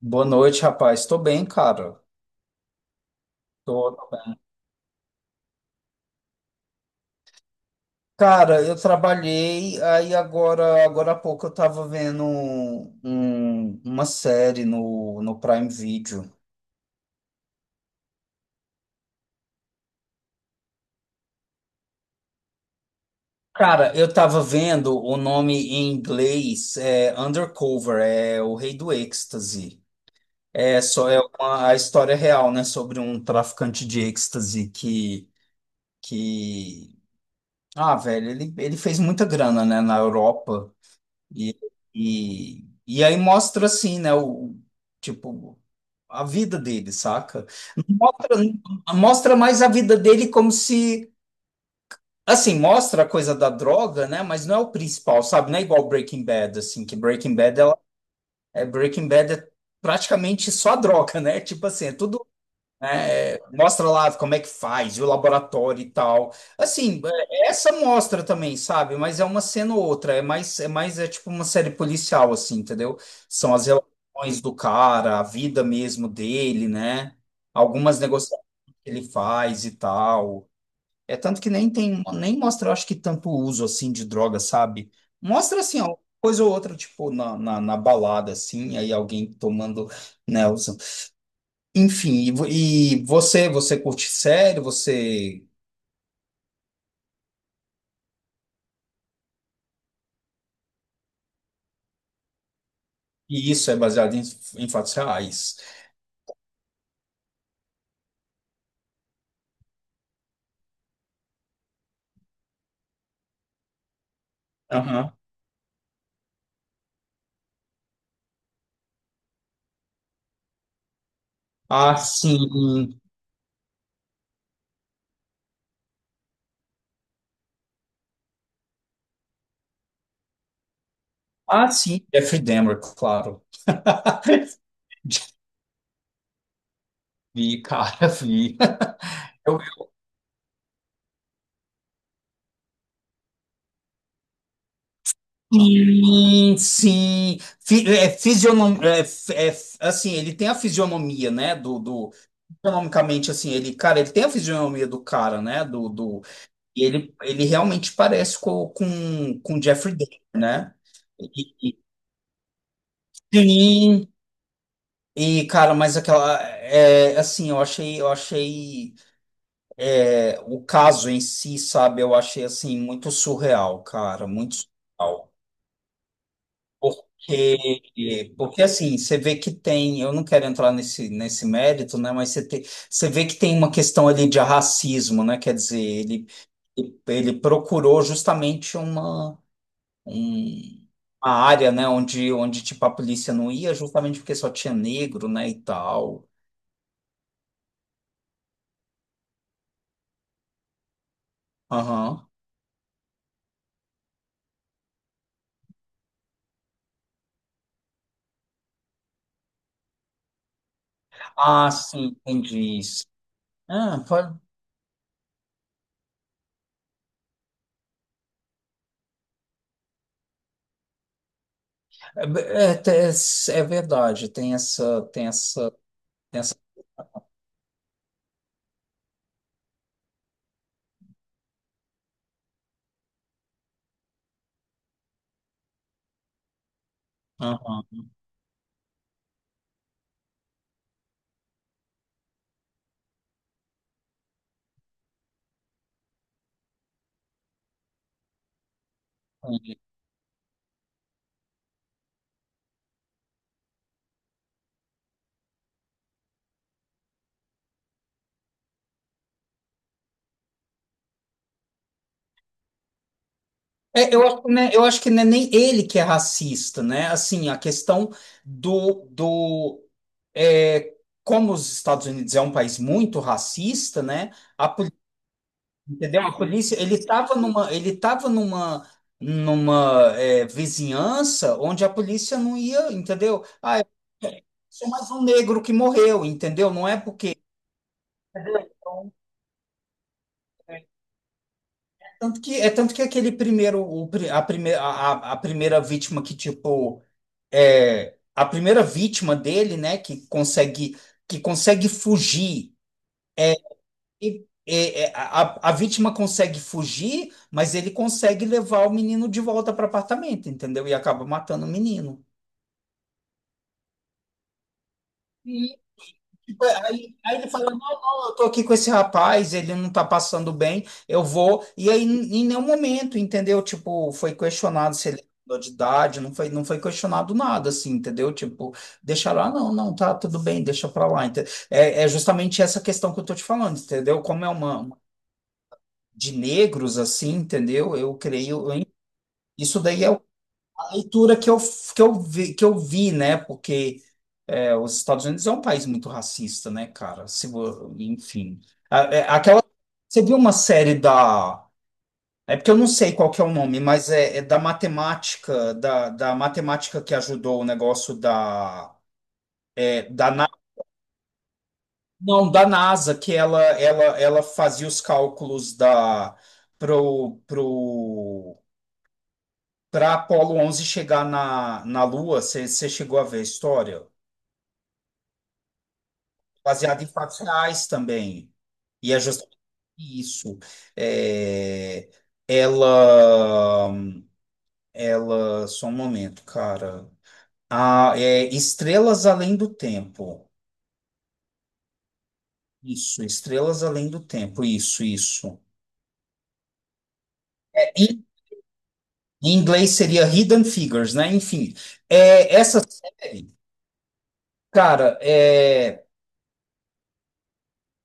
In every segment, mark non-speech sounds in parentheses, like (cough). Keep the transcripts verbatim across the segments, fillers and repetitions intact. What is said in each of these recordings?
Boa noite, rapaz. Tô bem, cara. Tô, tô bem. Cara, eu trabalhei, aí agora, agora há pouco eu tava vendo um- um- uma série no, no Prime Video. Cara, eu tava vendo o nome em inglês, é Undercover, é o Rei do Êxtase. É só é uma, a história é real, né, sobre um traficante de êxtase que que ah, velho, ele, ele fez muita grana, né, na Europa. E, e, e aí mostra assim, né, o, tipo, a vida dele, saca? Não mostra, mostra mais a vida dele como se, assim, mostra a coisa da droga, né, mas não é o principal, sabe? Não é igual Breaking Bad, assim, que Breaking Bad, ela, é, Breaking Bad é praticamente só a droga, né? Tipo assim, é tudo, né? É, mostra lá como é que faz, e o laboratório e tal. Assim, é- essa mostra também, sabe? Mas é uma cena ou outra, é mais, é mais é tipo uma série policial, assim, entendeu? São as relações do cara, a vida mesmo dele, né? Algumas negociações que ele faz e tal. É tanto que nem tem, nem mostra, eu acho que tanto uso assim de droga, sabe? Mostra assim, ó, coisa ou outra, tipo, na, na, na balada, assim, aí alguém tomando, né, enfim, e, e você, você curte série, você, e isso é baseado em, em fatos reais. Aham. Ah, sim. Ah, sim. Jeffrey Dahmer, claro. (laughs) Vi, cara, vi. Eu- (laughs) Sim, sim. Fi- é, fisionom, é, f- é, f- assim, ele tem a fisionomia, né? Do, do, fisionomicamente, assim, ele, cara, ele tem a fisionomia do cara, né? Do, do, e ele, ele realmente parece com, com, com Jeffrey Dahmer, né? E- e- Sim. E, cara, mas aquela. É, assim, eu achei, eu achei. É, o caso em si, sabe? Eu achei, assim, muito surreal, cara, muito surreal. Porque, porque assim, você vê que tem. Eu não quero entrar nesse, nesse mérito, né? Mas você, tem, você vê que tem uma questão ali de racismo, né? Quer dizer, ele, ele, procurou justamente uma. um- uma área, né, onde, onde tipo a polícia não ia, justamente porque só tinha negro, né, e tal. Aham. Ah, sim, entendi isso. Ah, pode. É, é, é verdade, tem essa, tem essa, tem essa. Aham, entendi. É, eu, acho que não é- eu acho que não é nem ele que é racista, né? Assim, a questão do, do é, como os Estados Unidos é um país muito racista, né? A Entendeu? A polícia, ele estava numa, ele tava numa, numa é, vizinhança onde a polícia não ia, entendeu? Ah, é, é só mais um negro que morreu, entendeu? Não é porque é tanto que é tanto que aquele primeiro, o, pri- a primeira, a, a a primeira vítima que tipo é a primeira vítima dele, né, que consegue que consegue fugir. E, é, é, a, a vítima consegue fugir, mas ele consegue levar o menino de volta para o apartamento, entendeu? E acaba matando o menino. Sim. Tipo, é, Aí, aí ele fala, não, eu tô aqui com esse rapaz, ele não tá passando bem, eu vou. E aí, em nenhum momento, entendeu? Tipo, foi questionado se ele mudou de idade, não foi, não foi questionado nada, assim, entendeu? Tipo, deixa lá, não, não, tá tudo bem, deixa pra lá. ente- É, é justamente essa questão que eu tô te falando, entendeu? Como é uma uma de negros, assim, entendeu? Eu creio, isso daí é a leitura que eu, que eu vi, que eu vi, né? Porque é, os Estados Unidos é um país muito racista, né, cara? Se, vo- enfim. A- é- Aquela. Você viu uma série da. É porque eu não sei qual que é o nome, mas é, é da matemática, da, da matemática que ajudou o negócio da, é, da Na- não, da NASA, que ela, ela, ela fazia os cálculos da pro, pro, para Apolo onze chegar na, na Lua. Você você chegou a ver a história? Baseado em fatos reais também. E é justamente isso. É, ela, ela, só um momento, cara. Ah, é Estrelas Além do Tempo. Isso, Estrelas Além do Tempo. Isso, isso. É, Em em inglês seria Hidden Figures, né? Enfim, é, essa série, cara, é,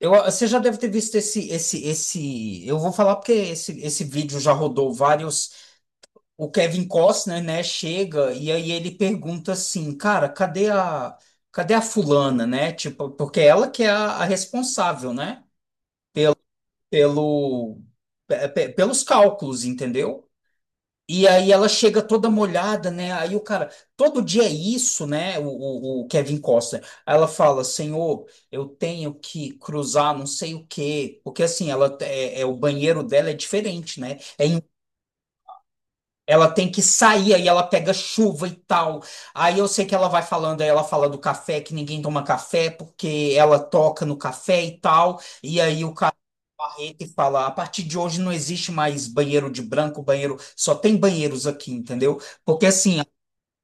eu, você já deve ter visto esse, esse, esse. Eu vou falar porque esse, esse vídeo já rodou vários. O Kevin Costner, né, chega e aí ele pergunta assim, cara, cadê a, cadê a fulana, né? Tipo, porque ela que é a, a responsável, né? Pelo, pelo, pe- pe- pelos cálculos, entendeu? E aí ela chega toda molhada, né? Aí o cara, todo dia é isso, né? O, o, o Kevin Costner. Aí ela fala, Senhor, eu tenho que cruzar não sei o quê. Porque assim, ela é, é- o banheiro dela é diferente, né? É Ela tem que sair, aí ela pega chuva e tal. Aí eu sei que ela vai falando, aí ela fala do café, que ninguém toma café, porque ela toca no café e tal. E aí o carrete fala: a partir de hoje não existe mais banheiro de branco, banheiro, só tem banheiros aqui, entendeu? Porque assim, a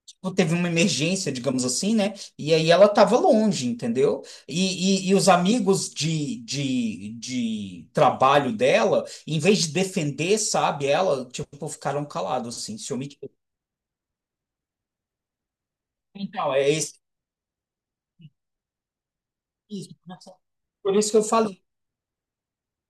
tipo, teve uma emergência, digamos assim, né? E aí ela tava longe, entendeu? E, e, e os amigos de, de, de trabalho dela, em vez de defender, sabe, ela, tipo, ficaram calados, assim, se omitiram. Então, é esse, isso, né? Por isso que eu falei.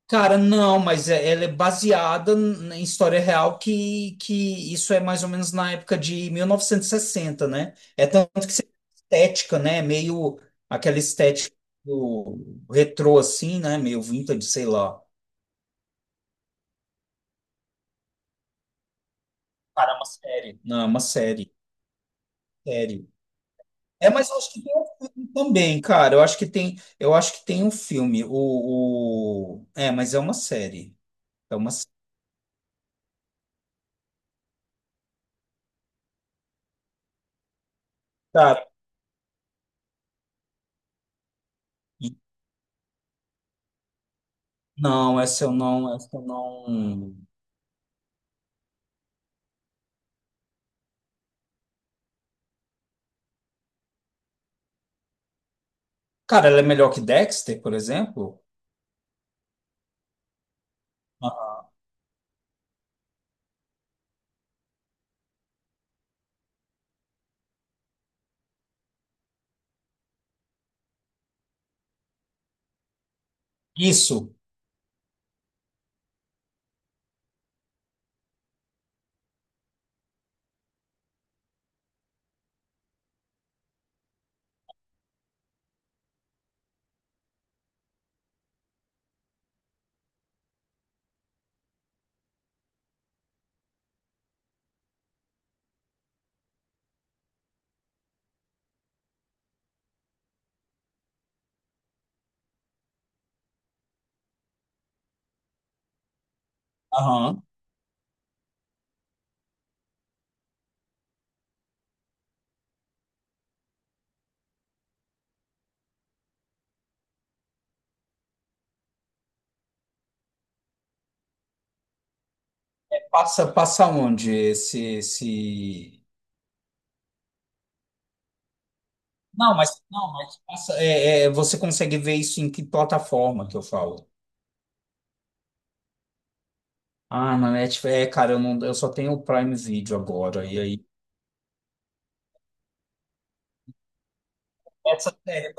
Cara, não, mas é- ela é baseada n- em história real que, que isso é mais ou menos na época de mil novecentos e sessenta, né? É tanto que você- estética, né? Meio aquela estética do retrô, assim, né? Meio vintage, sei lá. Cara, é uma série. Não, é uma série. Série. É, mas eu acho que tem um filme também, cara. Eu acho que tem, eu acho que tem um filme. O, o... É, mas é uma série. É uma série. Cara, não, essa eu não, essa eu não. Cara, ela é melhor que Dexter, por exemplo? Ah, isso. Aham. Passa, passa onde esse, esse. Não, mas não, mas passa, é, é, você consegue ver isso em que plataforma que eu falo? Ah, na Netflix, é, cara, eu não, eu só tenho o Prime Video agora e aí essa série.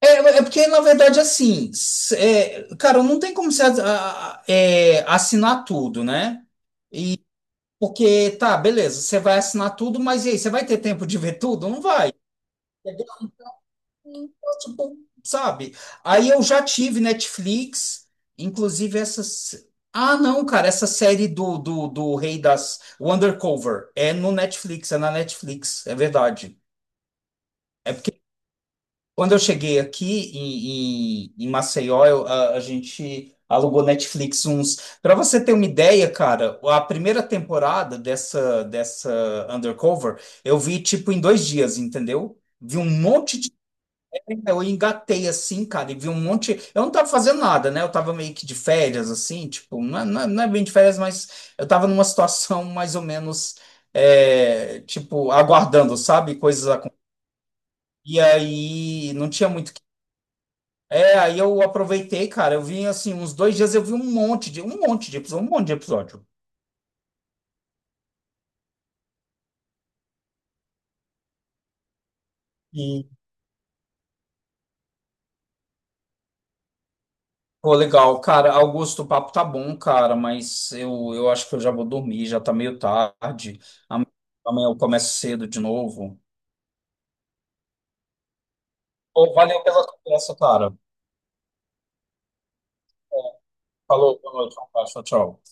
É, é é porque na verdade assim, s- é, cara, não tem como você a- a- é, assinar tudo, né? Porque, tá, beleza, você vai assinar tudo, mas e aí, você vai ter tempo de ver tudo? Não vai. É tipo, sabe? Aí eu já tive Netflix, inclusive essas. Ah, não, cara, essa série do, do, do Rei das. O Undercover. É no Netflix, é na Netflix, é verdade. É Quando eu cheguei aqui em, em, em Maceió, eu- a, a gente alugou Netflix uns. Para você ter uma ideia, cara, a primeira temporada dessa dessa Undercover eu vi tipo em dois dias, entendeu? Vi um monte de. Eu engatei assim, cara, e vi um monte. Eu não tava fazendo nada, né? Eu tava meio que de férias, assim, tipo, não é, não é, não é bem de férias, mas eu tava numa situação mais ou menos, é, tipo, aguardando, sabe? Coisas acontecendo. E aí não tinha muito o é, aí eu aproveitei, cara. Eu vi assim, uns dois dias eu vi um monte de, um monte de episódio, um monte de episódio. E, pô, legal, cara. Augusto, o papo tá bom, cara, mas eu, eu acho que eu já vou dormir, já tá meio tarde. Amanhã amanhã eu começo cedo de novo. Pô, valeu pela conversa, cara. É, Falou, boa noite, um abraço, tchau, tchau.